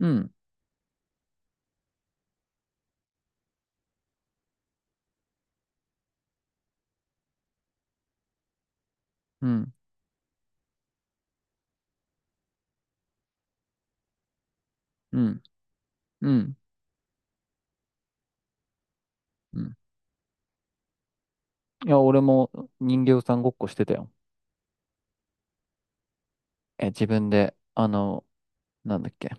うん、うん、うん、うん、うん。いや、俺も人形さんごっこしてたよ。自分で、なんだっけ、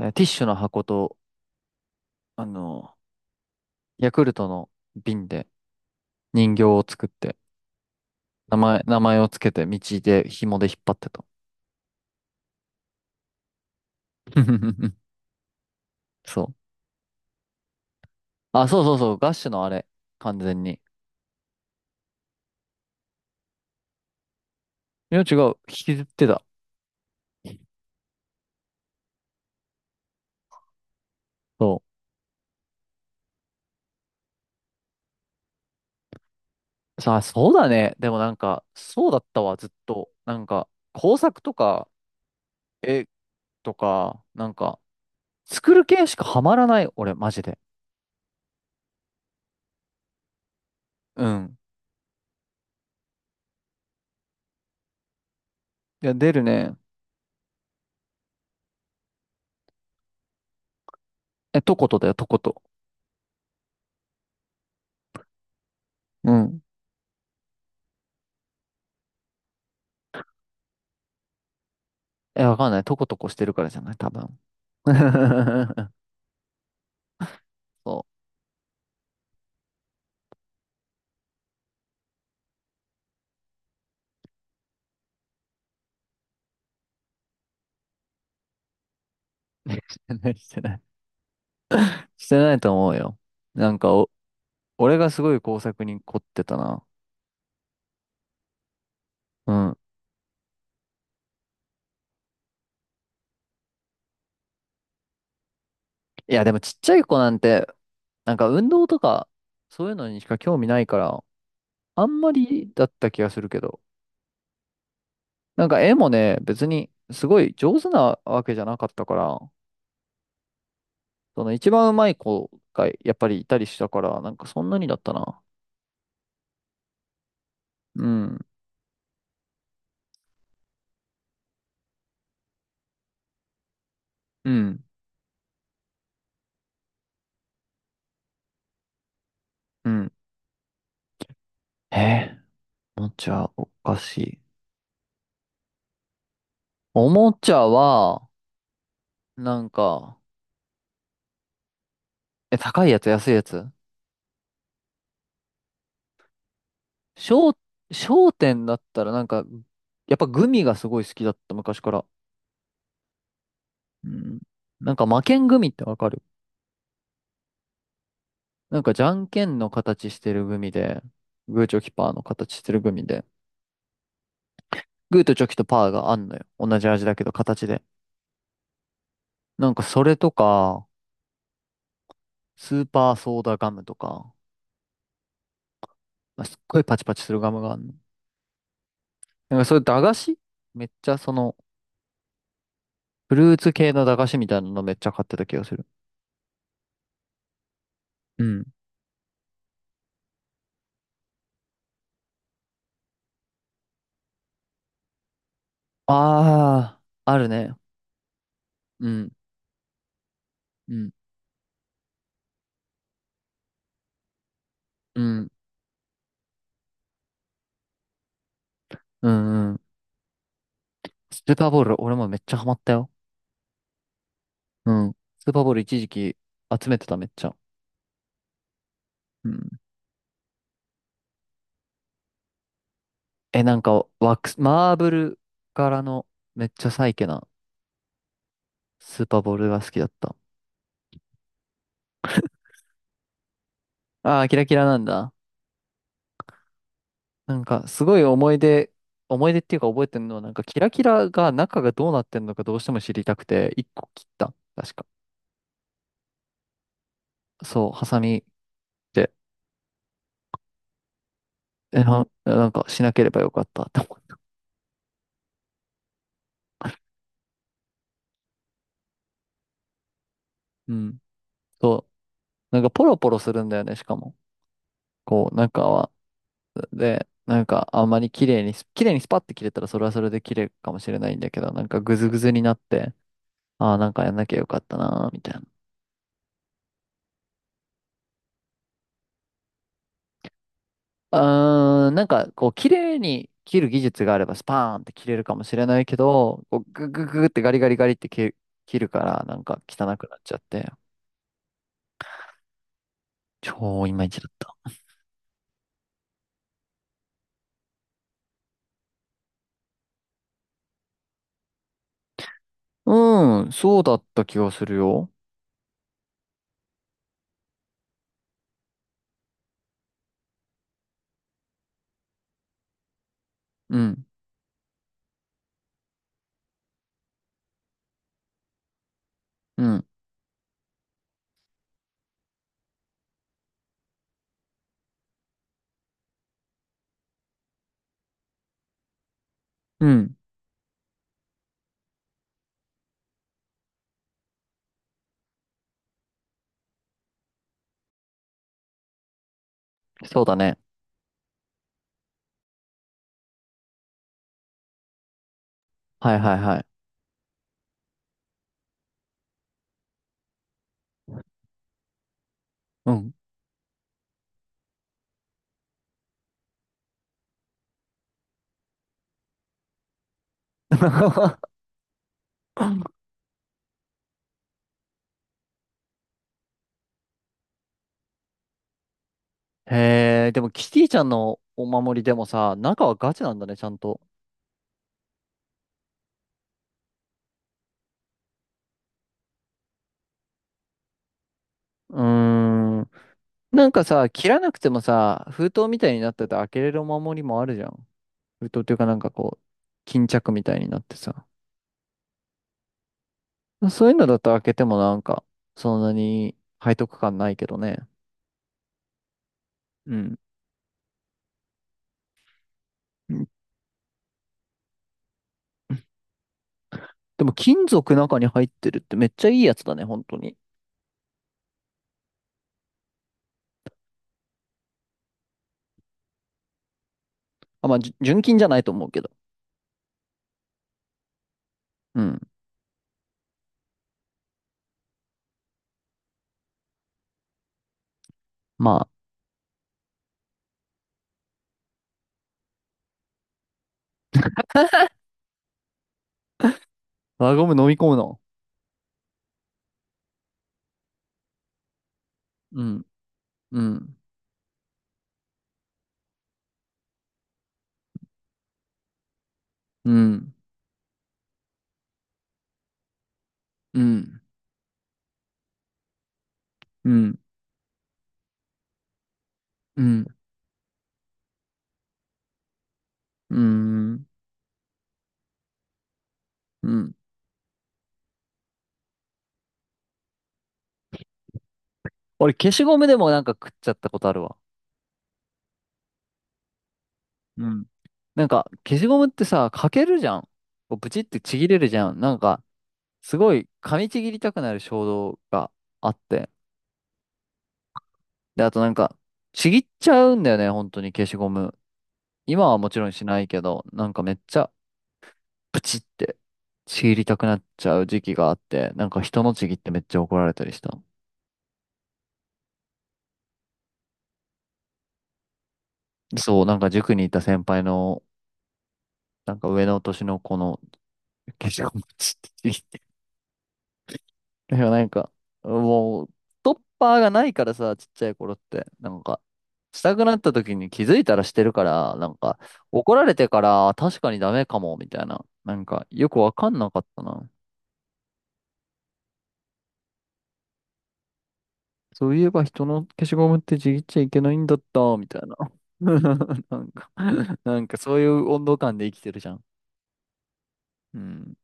ティッシュの箱と、あの、ヤクルトの瓶で人形を作って、名前をつけて、道で紐で引っ張ってた。そう。あ、そうそうそう、ガッシュのあれ、完全に。いや、違う、引きずってた。そう。さあ、そうだね。でもなんか、そうだったわ、ずっと。なんか、工作とか、絵とか、なんか、作る系しかハマらない、俺、マジで。うん。いや、出るね。とことだよ、とこと。うん。わかんない。とことこしてるからじゃない多分。そう。してない、してない。してないと思うよ。なんかお、俺がすごい工作に凝ってたな。うん。いや、でもちっちゃい子なんて、なんか運動とか、そういうのにしか興味ないから、あんまりだった気がするけど。なんか絵もね、別にすごい上手なわけじゃなかったから、その一番うまい子がやっぱりいたりしたから、なんかそんなにだったな。うん、うん、うん。えー、おもちゃおかしい。おもちゃは、なんか、高いやつ、安いやつ商、商店だったらなんか、やっぱグミがすごい好きだった、昔から。うん。なんか魔剣グミってわかる？なんかじゃんけんの形してるグミで、グーチョキパーの形してるグミで、グーとチョキとパーがあんのよ。同じ味だけど形で。なんかそれとか、スーパーソーダガムとか、まあ、すっごいパチパチするガムがあるの。なんかそういう駄菓子めっちゃフルーツ系の駄菓子みたいなのめっちゃ買ってた気がする。うん。ああ、あるね。うん、うん、うん、うん、うん。スーパーボール、俺もめっちゃハマったよ。うん。スーパーボール一時期集めてためっちゃ。うん。なんか、ワックス、マーブル柄のめっちゃサイケなスーパーボールが好きだった。ああ、キラキラなんだ。なんか、すごい思い出っていうか覚えてるのは、なんか、キラキラが中がどうなってんのかどうしても知りたくて、一個切った。確か。そう、ハサミで、なんか、しなければよかったって思った。うん。そう。なんか、ポロポロするんだよね、しかも。こう、中は。で、なんか、あんまり綺麗に綺麗にスパッて切れたら、それはそれで綺麗かもしれないんだけど、なんか、グズグズになって、ああ、なんかやんなきゃよかったなー、みたいな。うーん、なんか、こう、綺麗に切る技術があれば、スパーンって切れるかもしれないけど、こう、ググググってガリガリガリって切るから、なんか汚くなっちゃって、超イマイチだった。うん、そうだった気がするよ。うん、うん、うん、そうだね。はいはいはい。うん。へえ、でもキティちゃんのお守りでもさ、中はガチなんだね、ちゃんと。うーん。なんかさ、切らなくてもさ、封筒みたいになってて開けれるお守りもあるじゃん。封筒っていうかなんかこう、巾着みたいになってさ。そういうのだと開けてもなんか、そんなに背徳感ないけどね。うん。うん。でも金属中に入ってるってめっちゃいいやつだね、本当に。あ、まあ、純金じゃないと思うけど。うん。まあ、輪ゴム飲み込むの？うん、うん、うん、うん、うん、うん、うん、うん。俺、消しゴムでもなんか食っちゃったことあるわ。うん。なんか、消しゴムってさ、かけるじゃん。こうブチってちぎれるじゃん。なんか、すごい噛みちぎりたくなる衝動があって。で、あとなんか、ちぎっちゃうんだよね、本当に消しゴム。今はもちろんしないけど、なんかめっちゃプチってちぎりたくなっちゃう時期があって、なんか人のちぎってめっちゃ怒られたりした。そう、なんか塾にいた先輩の、なんか上の年の子の消しゴムちぎってでもなんか、もう、ストッパーがないからさ、ちっちゃい頃って、なんか、したくなった時に気づいたらしてるから、なんか、怒られてから、確かにダメかも、みたいな。なんか、よくわかんなかったな。そういえば人の消しゴムってちぎっちゃいけないんだった、みたいな。なんか、なんかそういう温度感で生きてるじゃん。うん。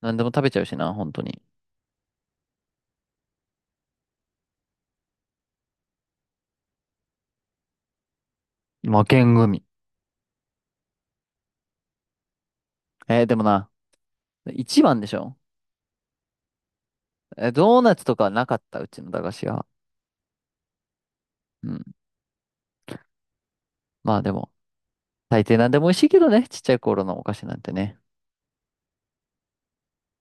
なんでも食べちゃうしな、本当に。負けん組。でもな、一番でしょ。ドーナツとかはなかった、うちの駄菓子は。うん。まあでも、大抵何でも美味しいけどね、ちっちゃい頃のお菓子なんてね。